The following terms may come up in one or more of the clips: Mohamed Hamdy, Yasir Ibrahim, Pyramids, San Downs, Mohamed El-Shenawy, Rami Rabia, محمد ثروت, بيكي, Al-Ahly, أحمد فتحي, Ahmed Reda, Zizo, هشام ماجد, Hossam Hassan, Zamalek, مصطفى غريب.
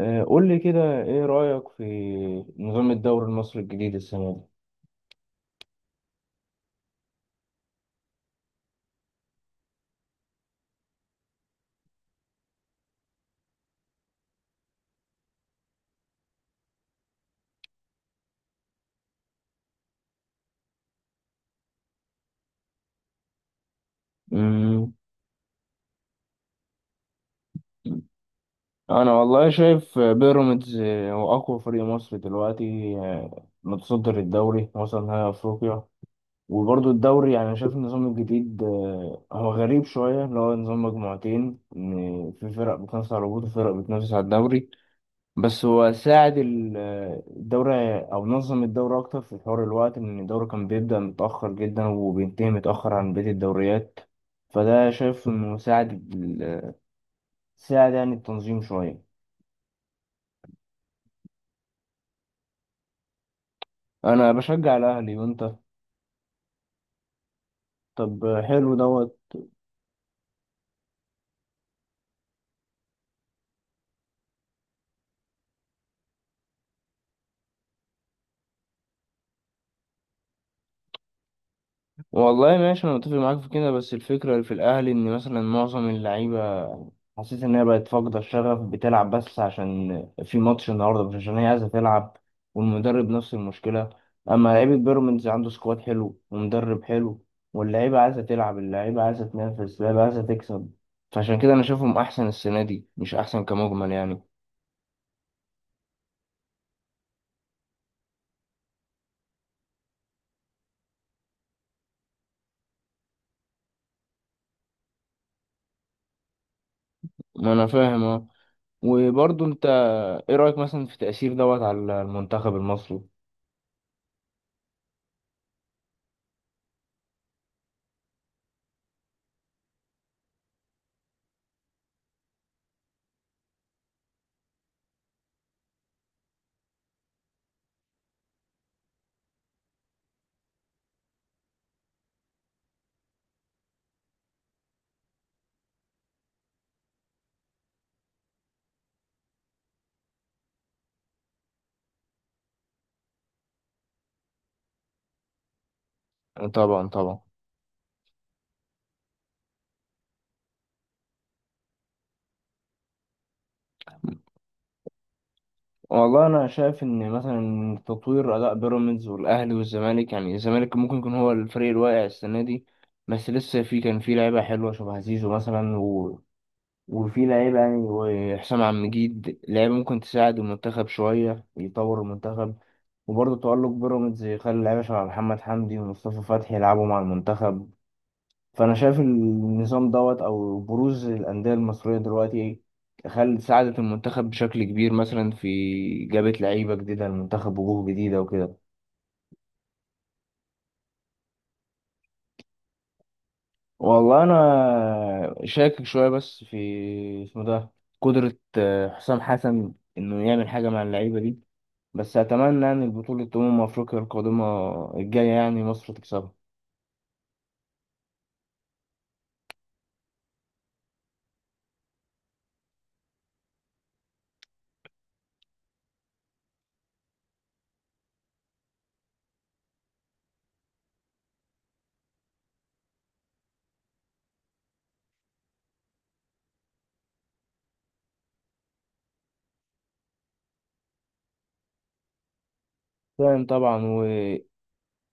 قول لي كده، ايه رأيك في نظام الدوري المصري الجديد السنة دي؟ مم. انا والله شايف بيراميدز، هو اقوى فريق مصري دلوقتي، متصدر الدوري، وصل نهائي افريقيا. وبرضه الدوري يعني شايف النظام الجديد، هو غريب شوية، اللي هو نظام مجموعتين، إن في فرق بتنافس على الهبوط وفرق بتنافس على الدوري. بس هو ساعد الدورة أو نظم الدورة أكتر في حوار الوقت، لأن الدورة كان بيبدأ متأخر جدا وبينتهي متأخر عن بقية الدوريات. فده شايف إنه ساعد ساعد يعني التنظيم شوية. أنا بشجع الأهلي، وأنت؟ طب حلو دوت. والله ماشي، انا متفق معاك في كده، بس الفكره اللي في الاهلي، ان مثلا معظم اللعيبه حسيت ان هي بقت فاقده الشغف، بتلعب بس عشان في ماتش النهارده، مش عشان هي عايزه تلعب. والمدرب نفس المشكله. اما لعيبه بيراميدز عنده سكواد حلو ومدرب حلو، واللعيبه عايزه تلعب، اللعيبه عايزه تنافس، اللعيبه عايزه تكسب. فعشان كده انا شايفهم احسن السنه دي، مش احسن كمجمل يعني. ما انا فاهم، اه. وبرضه انت، ايه رايك مثلا في تاثير دوت على المنتخب المصري؟ طبعا، طبعا. والله انا شايف ان مثلا تطوير اداء بيراميدز والاهلي والزمالك، يعني الزمالك ممكن يكون هو الفريق الواقع السنه دي. بس لسه في، كان في لعيبه حلوه شبه زيزو مثلا، وفي لعيبه يعني، وحسام عبد المجيد، لعيبه ممكن تساعد المنتخب شويه، يطور المنتخب. وبرضه تألق بيراميدز يخلي لعيبه شبه محمد حمدي ومصطفى فتحي يلعبوا مع المنتخب. فانا شايف النظام دوت او بروز الانديه المصريه دلوقتي خل ساعدت المنتخب بشكل كبير، مثلا في، جابت لعيبه جديده المنتخب، وجوه جديده وكده. والله انا شاكك شويه، بس في اسمه ده، قدره حسام حسن انه يعمل حاجه مع اللعيبه دي. بس اتمنى يعني البطوله، افريقيا القادمه الجايه، يعني مصر تكسبها. فاهم، طبعا.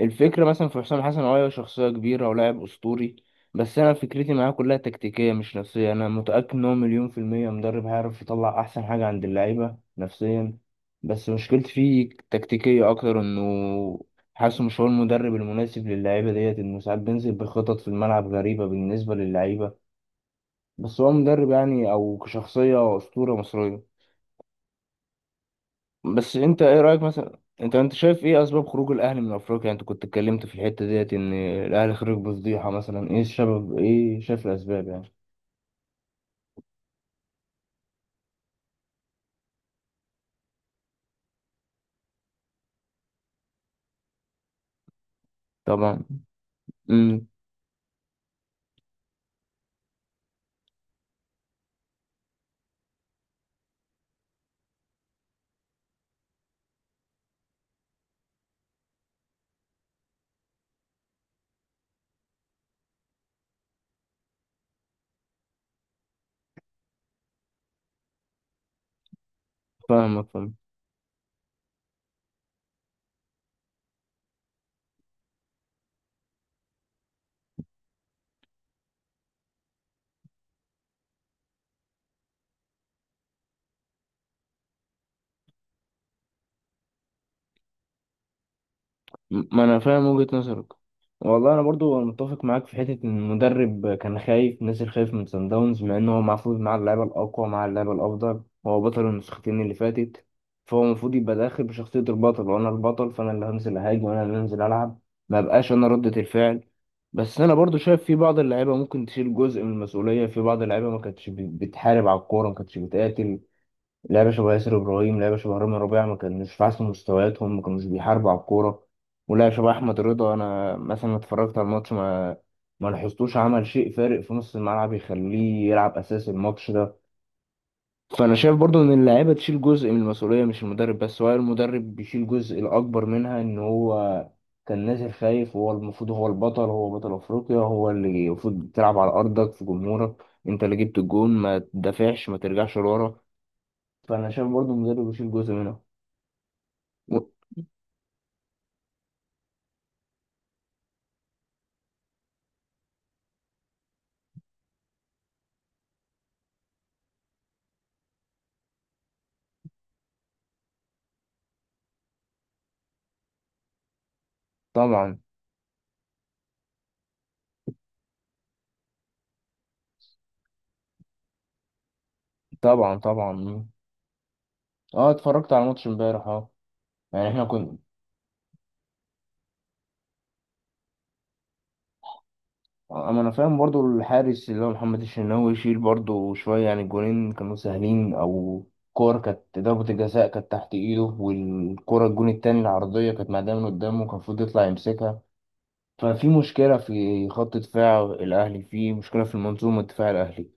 الفكرة مثلا في حسام حسن، هو شخصية كبيرة ولاعب أسطوري. بس أنا فكرتي معاه كلها تكتيكية، مش نفسية. أنا متأكد إن هو مليون في المية مدرب، هيعرف يطلع أحسن حاجة عند اللعيبة نفسيا. بس مشكلتي فيه تكتيكية أكتر، إنه حاسه مش هو المدرب المناسب للعيبة ديت، إنه ساعات بينزل بخطط في الملعب غريبة بالنسبة للعيبة. بس هو مدرب يعني، أو كشخصية أسطورة مصرية. بس انت، ايه رايك مثلا، انت شايف ايه اسباب خروج الاهلي من افريقيا؟ يعني انت كنت اتكلمت في الحته ديت ان الاهلي خرج بفضيحه، مثلا ايه السبب، ايه شايف الاسباب يعني؟ طبعا. امم. فاهمك. ما انا فاهم وجهة نظرك. والله انا برضو متفق معاك في حته ان المدرب كان خايف، نازل خايف من سان داونز، مع انه هو المفروض مع اللعيبه الاقوى، مع اللعيبه الافضل، هو بطل النسختين اللي فاتت. فهو المفروض يبقى داخل بشخصيه البطل، وانا البطل فانا اللي هنزل اهاجم، وانا اللي هنزل العب. ما بقاش انا ردة الفعل. بس انا برضو شايف في بعض اللعيبه ممكن تشيل جزء من المسؤوليه، في بعض اللعيبه ما كانتش بتحارب على الكوره، ما كانتش بتقاتل. لعبة شبه ياسر إبراهيم، لعبة شبه رامي ربيعة، ما كانوش في أحسن مستوياتهم، ما كانوش بيحاربوا على الكورة. ولعبة شبه أحمد رضا، أنا مثلا اتفرجت على الماتش، ما لاحظتوش عمل شيء فارق في نص الملعب يخليه يلعب أساس الماتش ده. فأنا شايف برضو إن اللاعيبة تشيل جزء من المسؤولية، مش المدرب بس، هو المدرب بيشيل جزء الأكبر منها، إن هو كان نازل خايف، وهو المفروض هو البطل، هو بطل أفريقيا، هو اللي المفروض تلعب على أرضك في جمهورك. أنت اللي جبت الجون، ما تدافعش، ما ترجعش لورا. فانا شايف برضو المدرب يشيل جزء منه. و- طبعا، طبعا، طبعا. اه، اتفرجت على ماتش امبارح، اه. يعني احنا كنا، اما انا فاهم برضو الحارس اللي هو محمد الشناوي يشيل برضو شويه، يعني الجونين كانوا سهلين، او كور، كانت ضربة الجزاء كانت تحت ايده، والكرة الجون التاني العرضية كانت معدية من قدامه، كان المفروض يطلع يمسكها. ففي مشكلة في خط دفاع الأهلي، في مشكلة في المنظومة الدفاع الأهلي.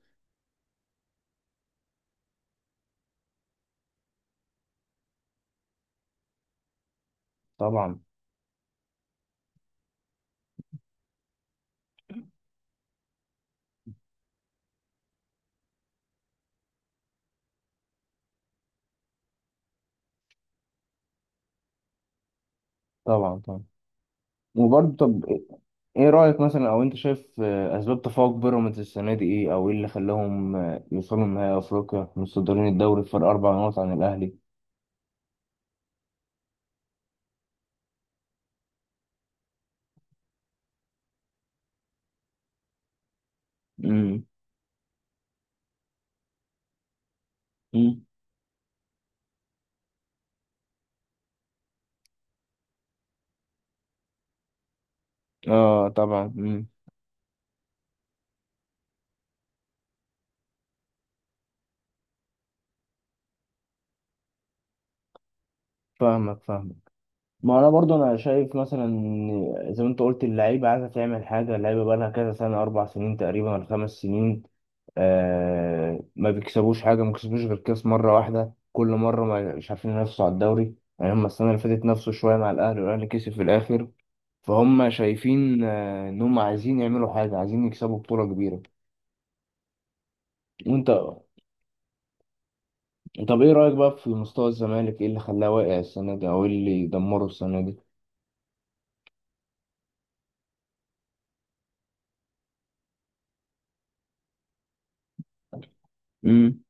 طبعا، طبعا، طبعا. وبرضه طب، ايه رأيك مثلا، او انت شايف اسباب تفوق بيراميدز السنة دي ايه، او ايه اللي خلاهم يوصلوا لنهائي افريقيا متصدرين الدوري بفرق 4 نقط عن الاهلي؟ امم. امم. اه، طبعا. مم. فاهمك، فاهمك. ما انا برضو، انا شايف مثلا إن زي ما انت قلت، اللعيبه عايزه تعمل حاجه، اللعيبه بقى لها كذا سنه، 4 سنين تقريبا ولا 5 سنين، آه ما بيكسبوش حاجه، ما بيكسبوش غير كاس مره واحده كل مره، ما مش عارفين ينافسوا على الدوري. يعني هم السنه اللي فاتت نفسوا شويه مع الاهلي، والاهلي كسب في الاخر. فهم شايفين ان هم عايزين يعملوا حاجه، عايزين يكسبوا بطوله كبيره. وانت، طب ايه رايك بقى في مستوى الزمالك، ايه اللي خلاه واقع السنه دي، او ايه اللي دمره السنه دي؟ امم.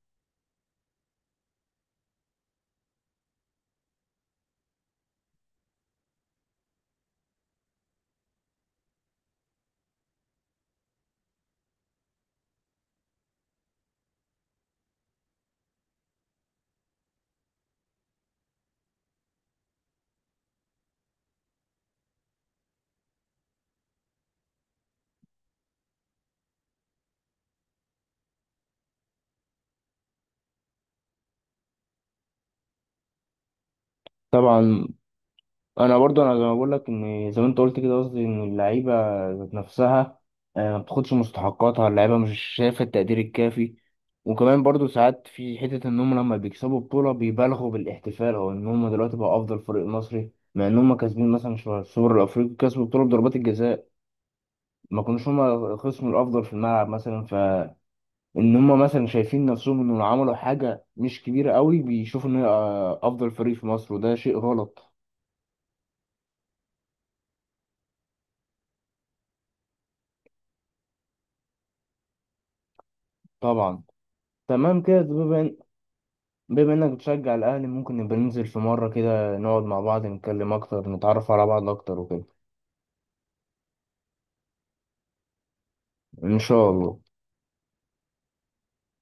طبعا. انا برضو، انا زي ما بقول لك، ان زي ما انت قلت كده، قصدي ان اللعيبه ذات نفسها ما بتاخدش مستحقاتها، اللعيبه مش شايفه التقدير الكافي. وكمان برضو ساعات في حتة إن هم لما بيكسبوا بطولة بيبالغوا بالاحتفال، أو إن هم دلوقتي بقوا أفضل فريق مصري، مع إن هم كاسبين مثلا شهر السوبر الأفريقي، كسبوا بطولة بضربات الجزاء، ما كانوش هما الخصم الافضل في الملعب مثلا. فان هما مثلا شايفين نفسهم انهم عملوا حاجه مش كبيره قوي، بيشوفوا ان هي افضل فريق في مصر، وده شيء غلط. طبعا. تمام كده، بما انك بتشجع الاهلي، ممكن نبقى ننزل في مره كده نقعد مع بعض، نتكلم اكتر، نتعرف على بعض اكتر وكده. ان شاء الله.